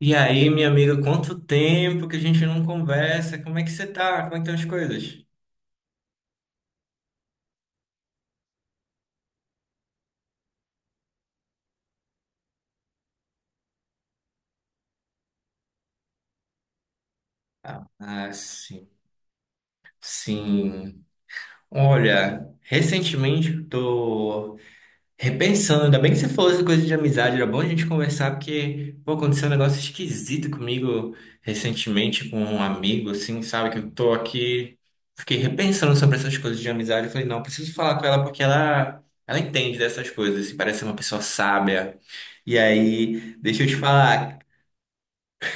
E aí, minha amiga, quanto tempo que a gente não conversa? Como é que você tá? Como é que estão as coisas? Ah, sim. Sim. Olha, recentemente eu tô repensando, ainda bem que você falou essa coisa de amizade, era bom a gente conversar, porque, pô, aconteceu um negócio esquisito comigo recentemente com um amigo, assim, sabe? Que eu tô aqui, fiquei repensando sobre essas coisas de amizade. Eu falei, não, eu preciso falar com ela porque ela entende dessas coisas, assim, parece ser uma pessoa sábia. E aí, deixa eu te falar.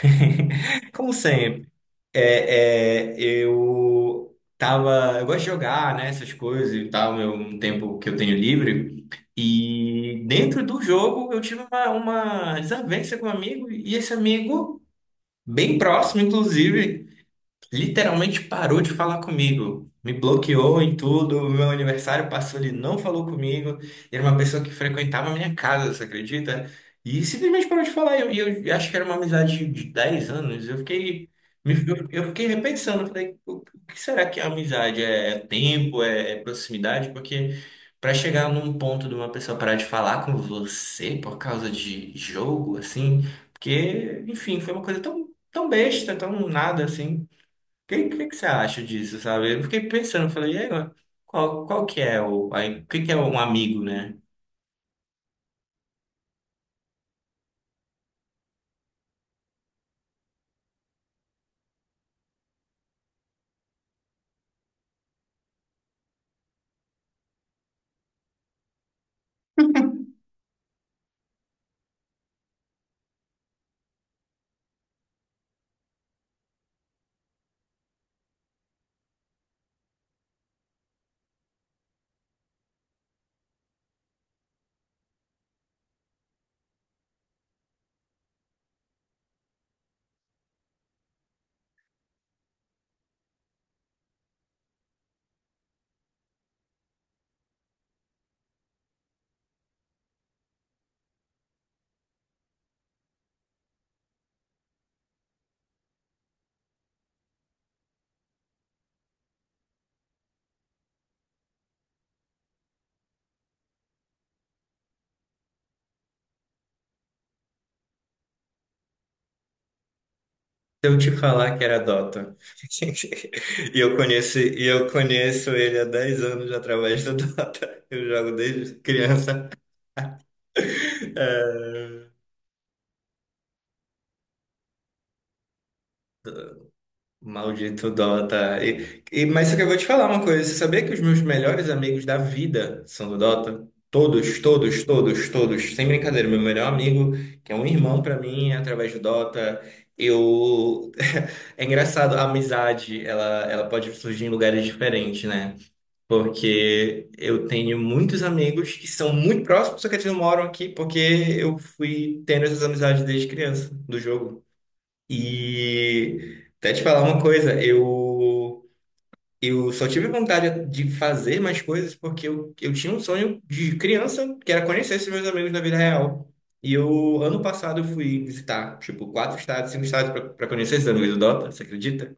Como sempre, eu tava, eu gosto de jogar, né, essas coisas e tal, é um tempo que eu tenho livre, e dentro do jogo eu tive uma desavença com um amigo, e esse amigo, bem próximo, inclusive, literalmente parou de falar comigo, me bloqueou em tudo. O meu aniversário passou, ele não falou comigo. Era uma pessoa que frequentava a minha casa, você acredita? E simplesmente parou de falar. E eu acho que era uma amizade de 10 anos. Eu fiquei, eu fiquei repensando, eu falei, o que será que é amizade? É É tempo? É, é proximidade? Porque para chegar num ponto de uma pessoa parar de falar com você por causa de jogo, assim, porque, enfim, foi uma coisa tão, tão besta, tão nada assim que você acha disso, sabe? Eu fiquei pensando, falei, e agora? Qual, qual que é o, aí, o que que é um amigo, né? Se eu te falar que era Dota, e eu conheço ele há 10 anos através do Dota, eu jogo desde criança. Maldito Dota. E, mas só que eu vou te falar uma coisa. Você sabia que os meus melhores amigos da vida são do Dota? Todos, todos, todos, todos. Sem brincadeira. Meu melhor amigo, que é um irmão pra mim, é através do Dota. Eu... É engraçado, a amizade, ela pode surgir em lugares diferentes, né? Porque eu tenho muitos amigos que são muito próximos, só que eles não moram aqui, porque eu fui tendo essas amizades desde criança, do jogo. E até te falar uma coisa, eu só tive vontade de fazer mais coisas porque eu tinha um sonho de criança, que era conhecer esses meus amigos na vida real. E eu, ano passado, eu fui visitar, tipo, 4 estados, 5 estados para conhecer esses amigos do Dota, você acredita?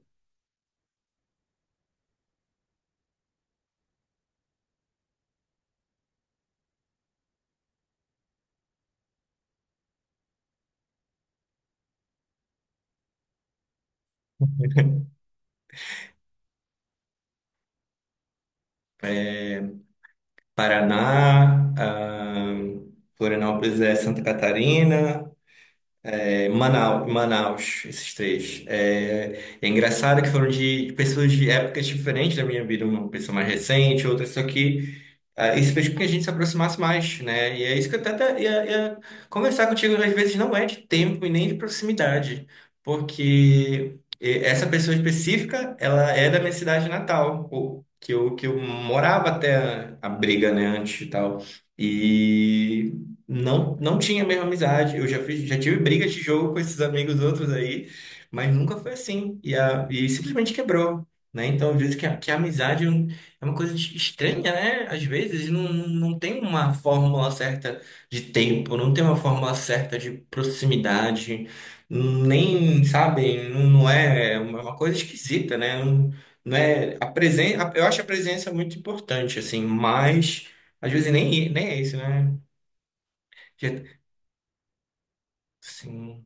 É, Paraná, ah, Florianópolis é Santa Catarina. É, Manaus, esses três. É, é engraçado que foram de pessoas de épocas diferentes da minha vida, uma pessoa mais recente, outra, só que ah, isso fez com que a gente se aproximasse mais, né? E é isso que eu até ia, ia conversar contigo, às vezes não é de tempo e nem de proximidade, porque eh, essa pessoa específica, ela é da minha cidade natal, que eu morava até a briga, né, antes e tal. E não, não tinha a mesma amizade. Eu já fiz, já tive brigas de jogo com esses amigos outros aí, mas nunca foi assim. E, a, e simplesmente quebrou. Né? Então, eu vejo que a amizade é uma coisa estranha, né? Às vezes não, não tem uma fórmula certa de tempo, não tem uma fórmula certa de proximidade, nem, sabe, não, não é uma coisa esquisita, né? Não, não é a presença. Eu acho a presença muito importante, assim, mas às vezes nem, nem é isso, né? Já, assim,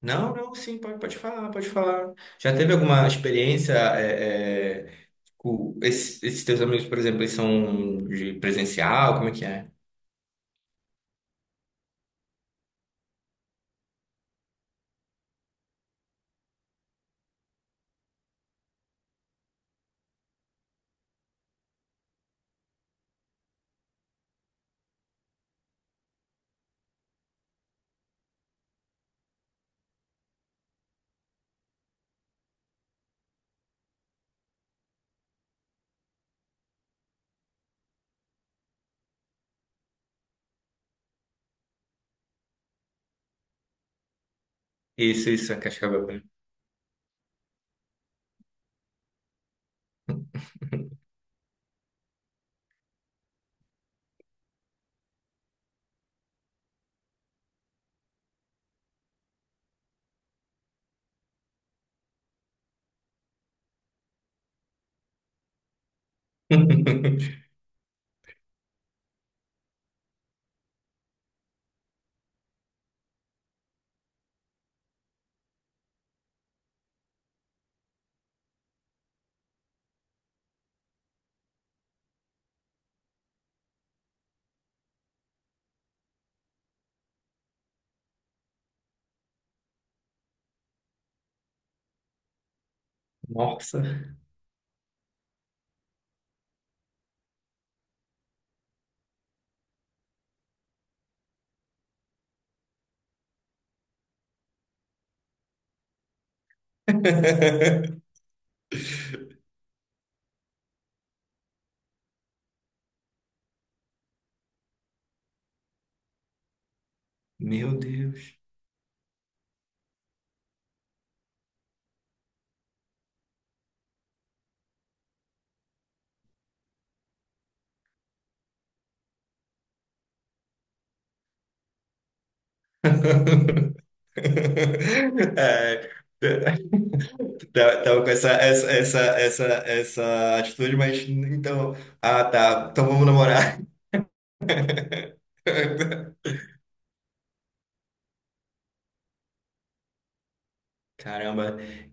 não, não, sim, pode, pode falar, pode falar. Já teve alguma experiência, é, é, com esses, esses teus amigos, por exemplo, eles são de presencial, como é que é? Isso, é Cascavel mesmo. Nossa. Meu Deus. É, tava com essa, essa, essa, essa, essa atitude, mas então. Ah, tá. Então vamos namorar. Caramba.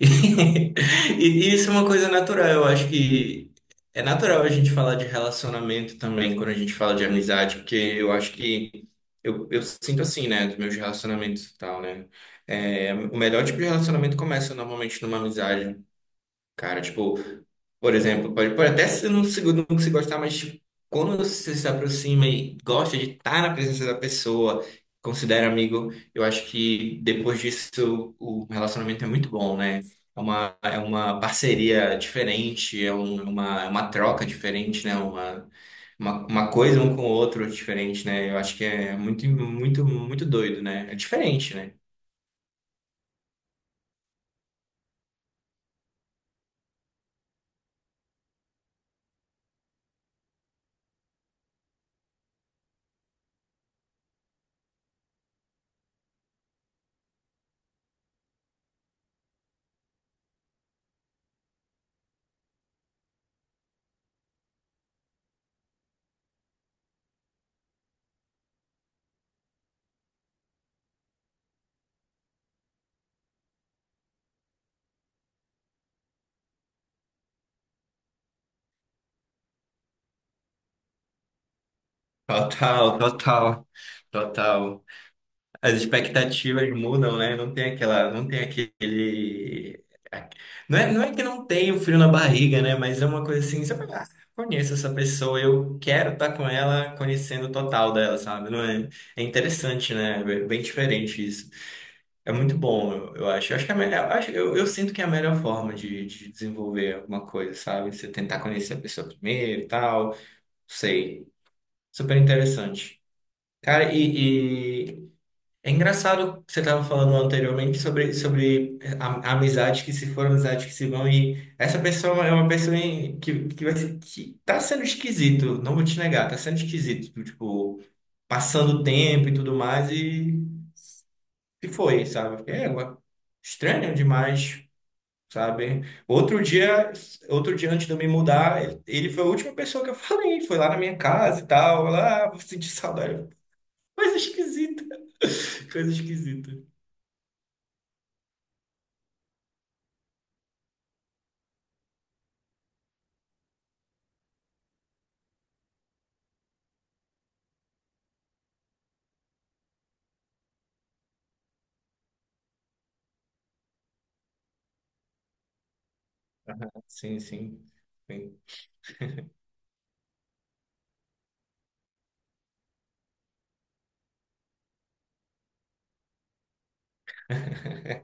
E, e isso é uma coisa natural. Eu acho que é natural a gente falar de relacionamento também quando a gente fala de amizade, porque eu acho que. Eu sinto assim, né, dos meus relacionamentos e tal, né? É, o melhor tipo de relacionamento começa normalmente numa amizade. Cara, tipo, por exemplo, pode, pode até se não se gostar, mas tipo, quando você se aproxima e gosta de estar na presença da pessoa, considera amigo, eu acho que depois disso o relacionamento é muito bom, né? É uma parceria diferente, é é uma troca diferente, né? Uma coisa um com o outro diferente, né? Eu acho que é muito, muito, muito doido, né? É diferente, né? Total, total, total. As expectativas mudam, né? Não tem aquela, não tem aquele. Não é, não é que não tem o frio na barriga, né? Mas é uma coisa assim, você fala, ah, conheço essa pessoa, eu quero estar com ela, conhecendo o total dela, sabe? Não é, é interessante, né? É bem diferente isso. É muito bom, eu acho. Eu acho que é a melhor, eu sinto que é a melhor forma de desenvolver alguma coisa, sabe? Você tentar conhecer a pessoa primeiro e tal. Sei. Super interessante. Cara, e é engraçado que você estava falando anteriormente sobre, sobre a amizade que se foram, amizades que se vão, e essa pessoa é uma pessoa que, que tá sendo esquisito, não vou te negar, tá sendo esquisito, tipo, passando o tempo e tudo mais, e foi, sabe? É, ué, estranho demais, sabe? Outro dia antes de eu me mudar, ele foi a última pessoa que eu falei, foi lá na minha casa e tal, lá, ah, vou sentir saudade. Coisa esquisita, coisa esquisita. Sim, sim. Sim.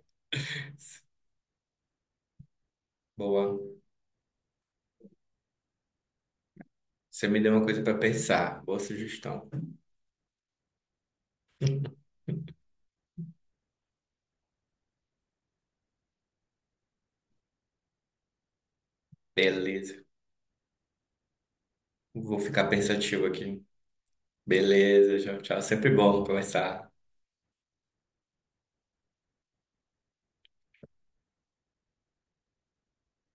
Boa. Você me deu uma coisa para pensar. Boa sugestão. Beleza. Vou ficar pensativo aqui. Beleza, tchau, tchau. Sempre bom conversar.